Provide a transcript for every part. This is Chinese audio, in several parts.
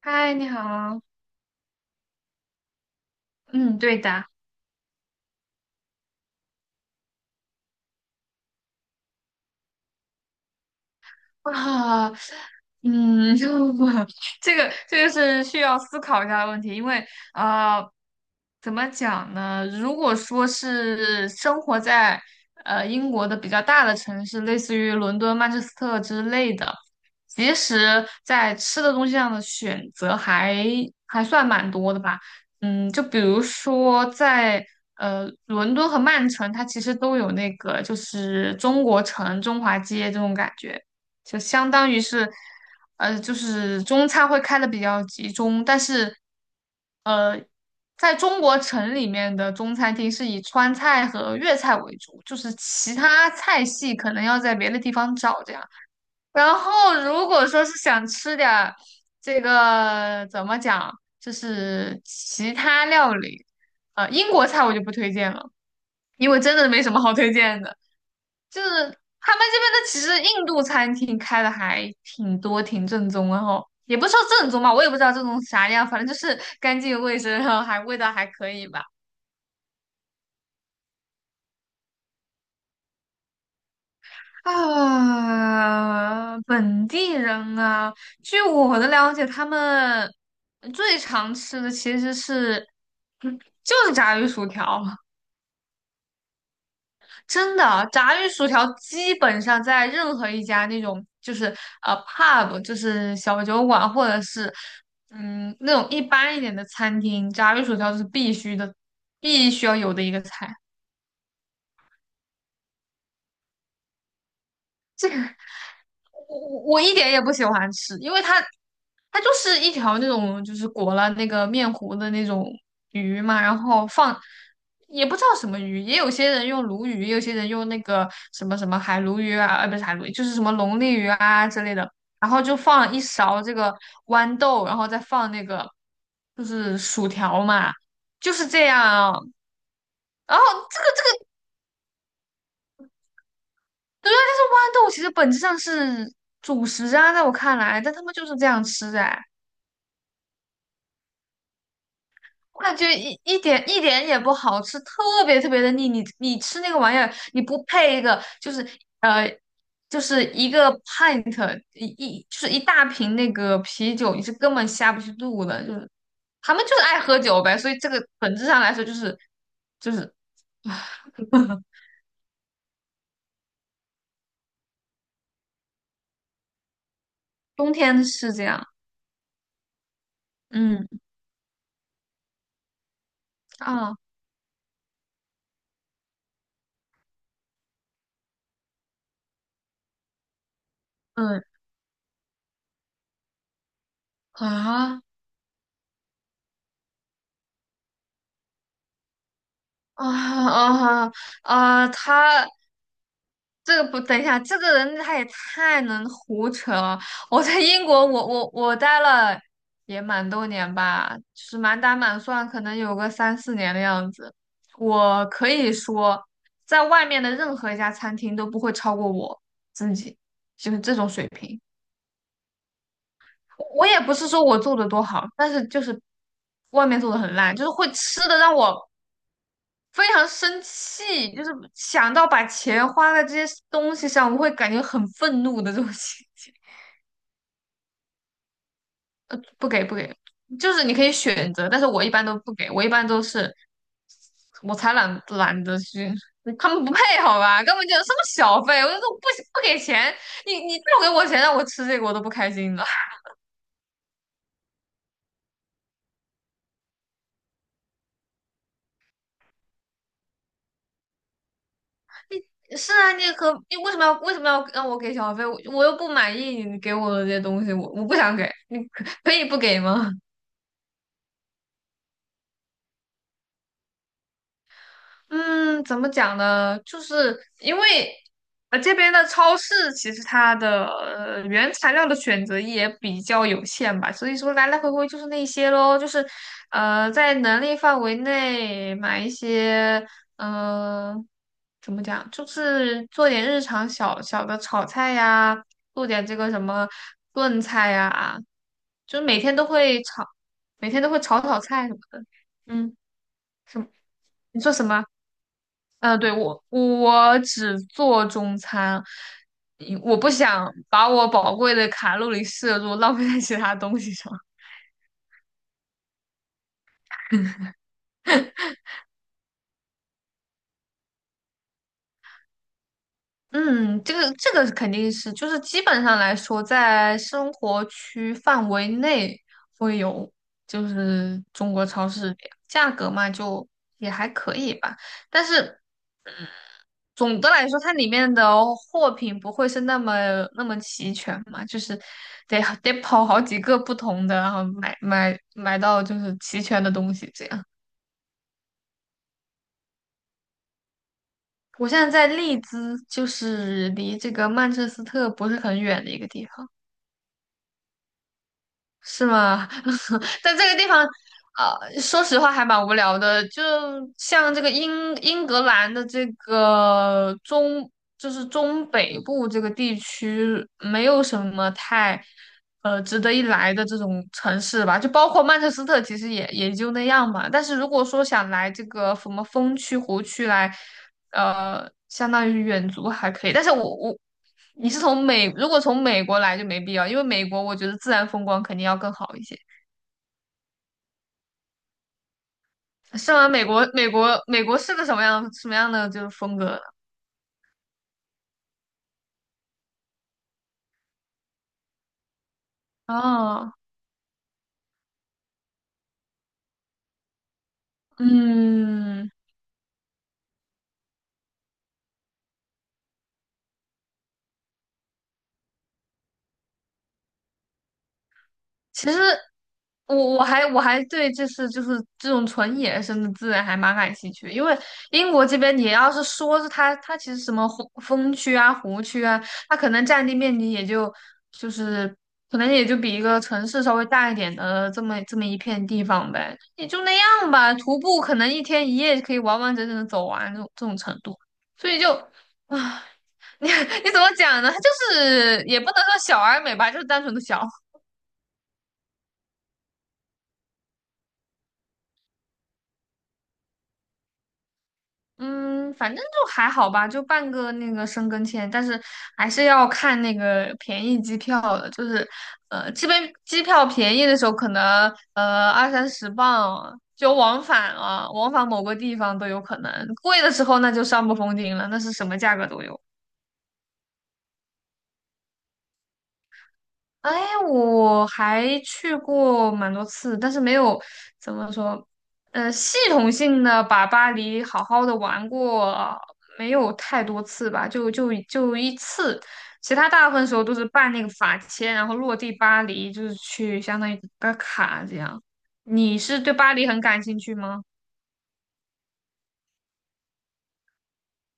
嗨，你好。嗯，对的。啊，嗯，这个是需要思考一下的问题，因为呃，怎么讲呢？如果说是生活在英国的比较大的城市，类似于伦敦、曼彻斯特之类的，其实在吃的东西上的选择还算蛮多的吧。就比如说在伦敦和曼城，它其实都有那个就是中国城、中华街这种感觉。就相当于是，就是中餐会开的比较集中，但是呃，在中国城里面的中餐厅是以川菜和粤菜为主，就是其他菜系可能要在别的地方找这样。然后如果说是想吃点儿这个怎么讲，就是其他料理，英国菜我就不推荐了，因为真的没什么好推荐的。就是他们这边的其实印度餐厅开的还挺多，挺正宗然后也不说正宗吧，我也不知道正宗啥样，反正就是干净卫生，然后还味道还可以吧。本地人啊，据我的了解，他们最常吃的其实是，就是炸鱼薯条。真的啊，炸鱼薯条基本上在任何一家那种就是pub，就是小酒馆，或者是那种一般一点的餐厅，炸鱼薯条是必须的，必须要有的一个菜。我一点也不喜欢吃，因为它就是一条那种就是裹了那个面糊的那种鱼嘛，然后放也不知道什么鱼，也有些人用鲈鱼，也有些人用那个什么什么海鲈鱼啊，不是海鲈鱼，就是什么龙利鱼啊之类的，然后就放了一勺这个豌豆，然后再放那个就是薯条嘛，就是这样啊。然后对啊，但是豌豆其实本质上是主食啊，在我看来，但他们就是这样吃哎。我感觉一点也不好吃，特别特别的腻。你吃那个玩意儿，你不配一个，就是呃，就是一个 pint 就是一大瓶那个啤酒，你是根本下不去肚的。就是他们就是爱喝酒呗，所以这个本质上来说就是，冬天是这样，嗯啊嗯啊啊啊啊，他。这个不，等一下，这个人他也太能胡扯了。我在英国，我待了也蛮多年吧，就是满打满算可能有个三四年的样子。我可以说，在外面的任何一家餐厅都不会超过我自己，就是这种水平。我也不是说我做的多好，但是就是外面做的很烂，就是会吃的让我，非常生气，就是想到把钱花在这些东西上，我会感觉很愤怒的这种心情。不给不给，就是你可以选择，但是我一般都不给，我一般都是我才懒得去，他们不配好吧？根本就什么小费，我就说不给钱，你不给我钱让我吃这个我都不开心了。是啊，你为什么要让我给小费？我又不满意你给我的这些东西，我不想给，你可以不给吗？嗯，怎么讲呢？就是因为这边的超市其实它的原材料的选择也比较有限吧，所以说来来回回就是那些咯，就是在能力范围内买一些嗯、呃怎么讲，就是做点日常小小的炒菜呀，做点这个什么炖菜呀，就是每天都会炒，每天都会炒菜什么的。嗯，什么？你说什么？嗯，对，我只做中餐，因我不想把我宝贵的卡路里摄入浪费在其他东西上。嗯，这个肯定是，就是基本上来说，在生活区范围内会有，就是中国超市这样价格嘛，就也还可以吧。但是总的来说，它里面的货品不会是那么齐全嘛，就是得跑好几个不同的，然后买到就是齐全的东西这样。我现在在利兹，就是离这个曼彻斯特不是很远的一个地方。是吗？但这个地方，说实话还蛮无聊的。就像这个英格兰的这个中，就是中北部这个地区，没有什么太值得一来的这种城市吧。就包括曼彻斯特，其实也就那样嘛。但是如果说想来这个什么风区、湖区来。相当于远足还可以，但是我我你是从美，如果从美国来就没必要，因为美国我觉得自然风光肯定要更好一些。是吗？美国是个什么样的就是风格呢？哦，嗯，其实我还对就是这种纯野生的自然还蛮感兴趣的，因为英国这边你要是说是它其实什么湖风区啊湖区啊，它可能占地面积也就就是可能也就比一个城市稍微大一点的这么一片地方呗，也就那样吧。徒步可能一天一夜可以完完整整的走完这种程度，所以就啊，唉 你你怎么讲呢？它就是也不能说小而美吧，就是单纯的小。嗯，反正就还好吧，就办个那个申根签，但是还是要看那个便宜机票的，就是这边机票便宜的时候可能二三十磅啊就往返啊，往返某个地方都有可能，贵的时候那就上不封顶了，那是什么价格都有。哎，我还去过蛮多次，但是没有怎么说，系统性的把巴黎好好的玩过，没有太多次吧，就一次，其他大部分时候都是办那个法签，然后落地巴黎，就是去相当于打卡这样。你是对巴黎很感兴趣吗？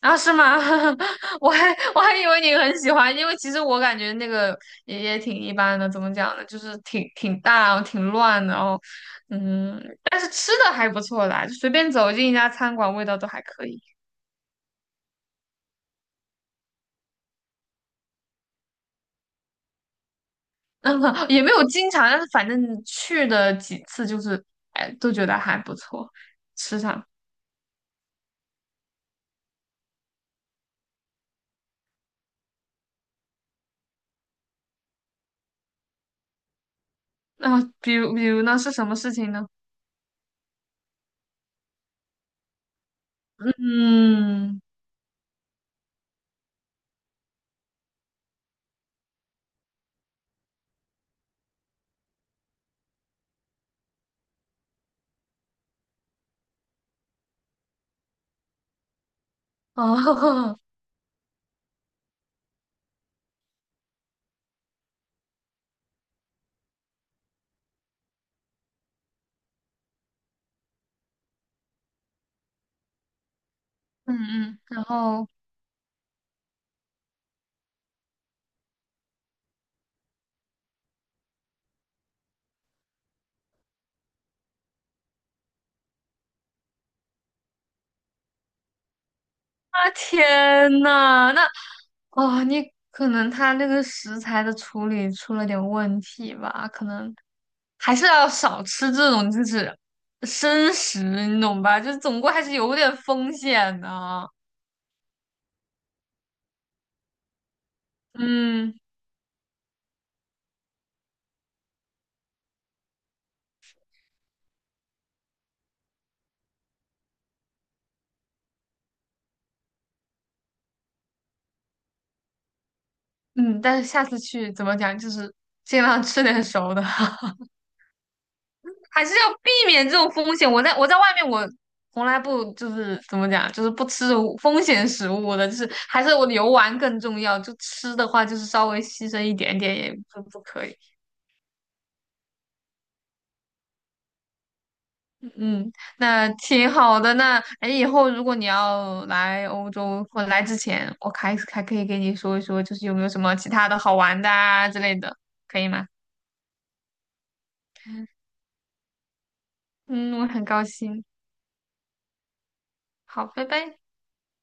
啊，是吗？我还我还以为你很喜欢，因为其实我感觉那个也挺一般的，怎么讲呢？就是挺大，然后挺乱的，然后但是吃的还不错啦，就随便走进一家餐馆，味道都还可以，也没有经常，但是反正去的几次就是，哎，都觉得还不错，吃上。那、比如呢，是什么事情呢？嗯，哦，嗯嗯，然后啊，天呐，那哦，你可能他那个食材的处理出了点问题吧，可能还是要少吃这种就是生食，你懂吧？就是总归还是有点风险的啊。嗯嗯，但是下次去怎么讲，就是尽量吃点熟的，还是要避免这种风险。我在外面，我从来不就是怎么讲，就是不吃风险食物的，就是还是我游玩更重要。就吃的话，就是稍微牺牲一点点也不可以。嗯，那挺好的。那哎，以后如果你要来欧洲或者来之前，我还可以给你说一说，就是有没有什么其他的好玩的啊之类的，可以吗？嗯，我很高兴。好，拜拜。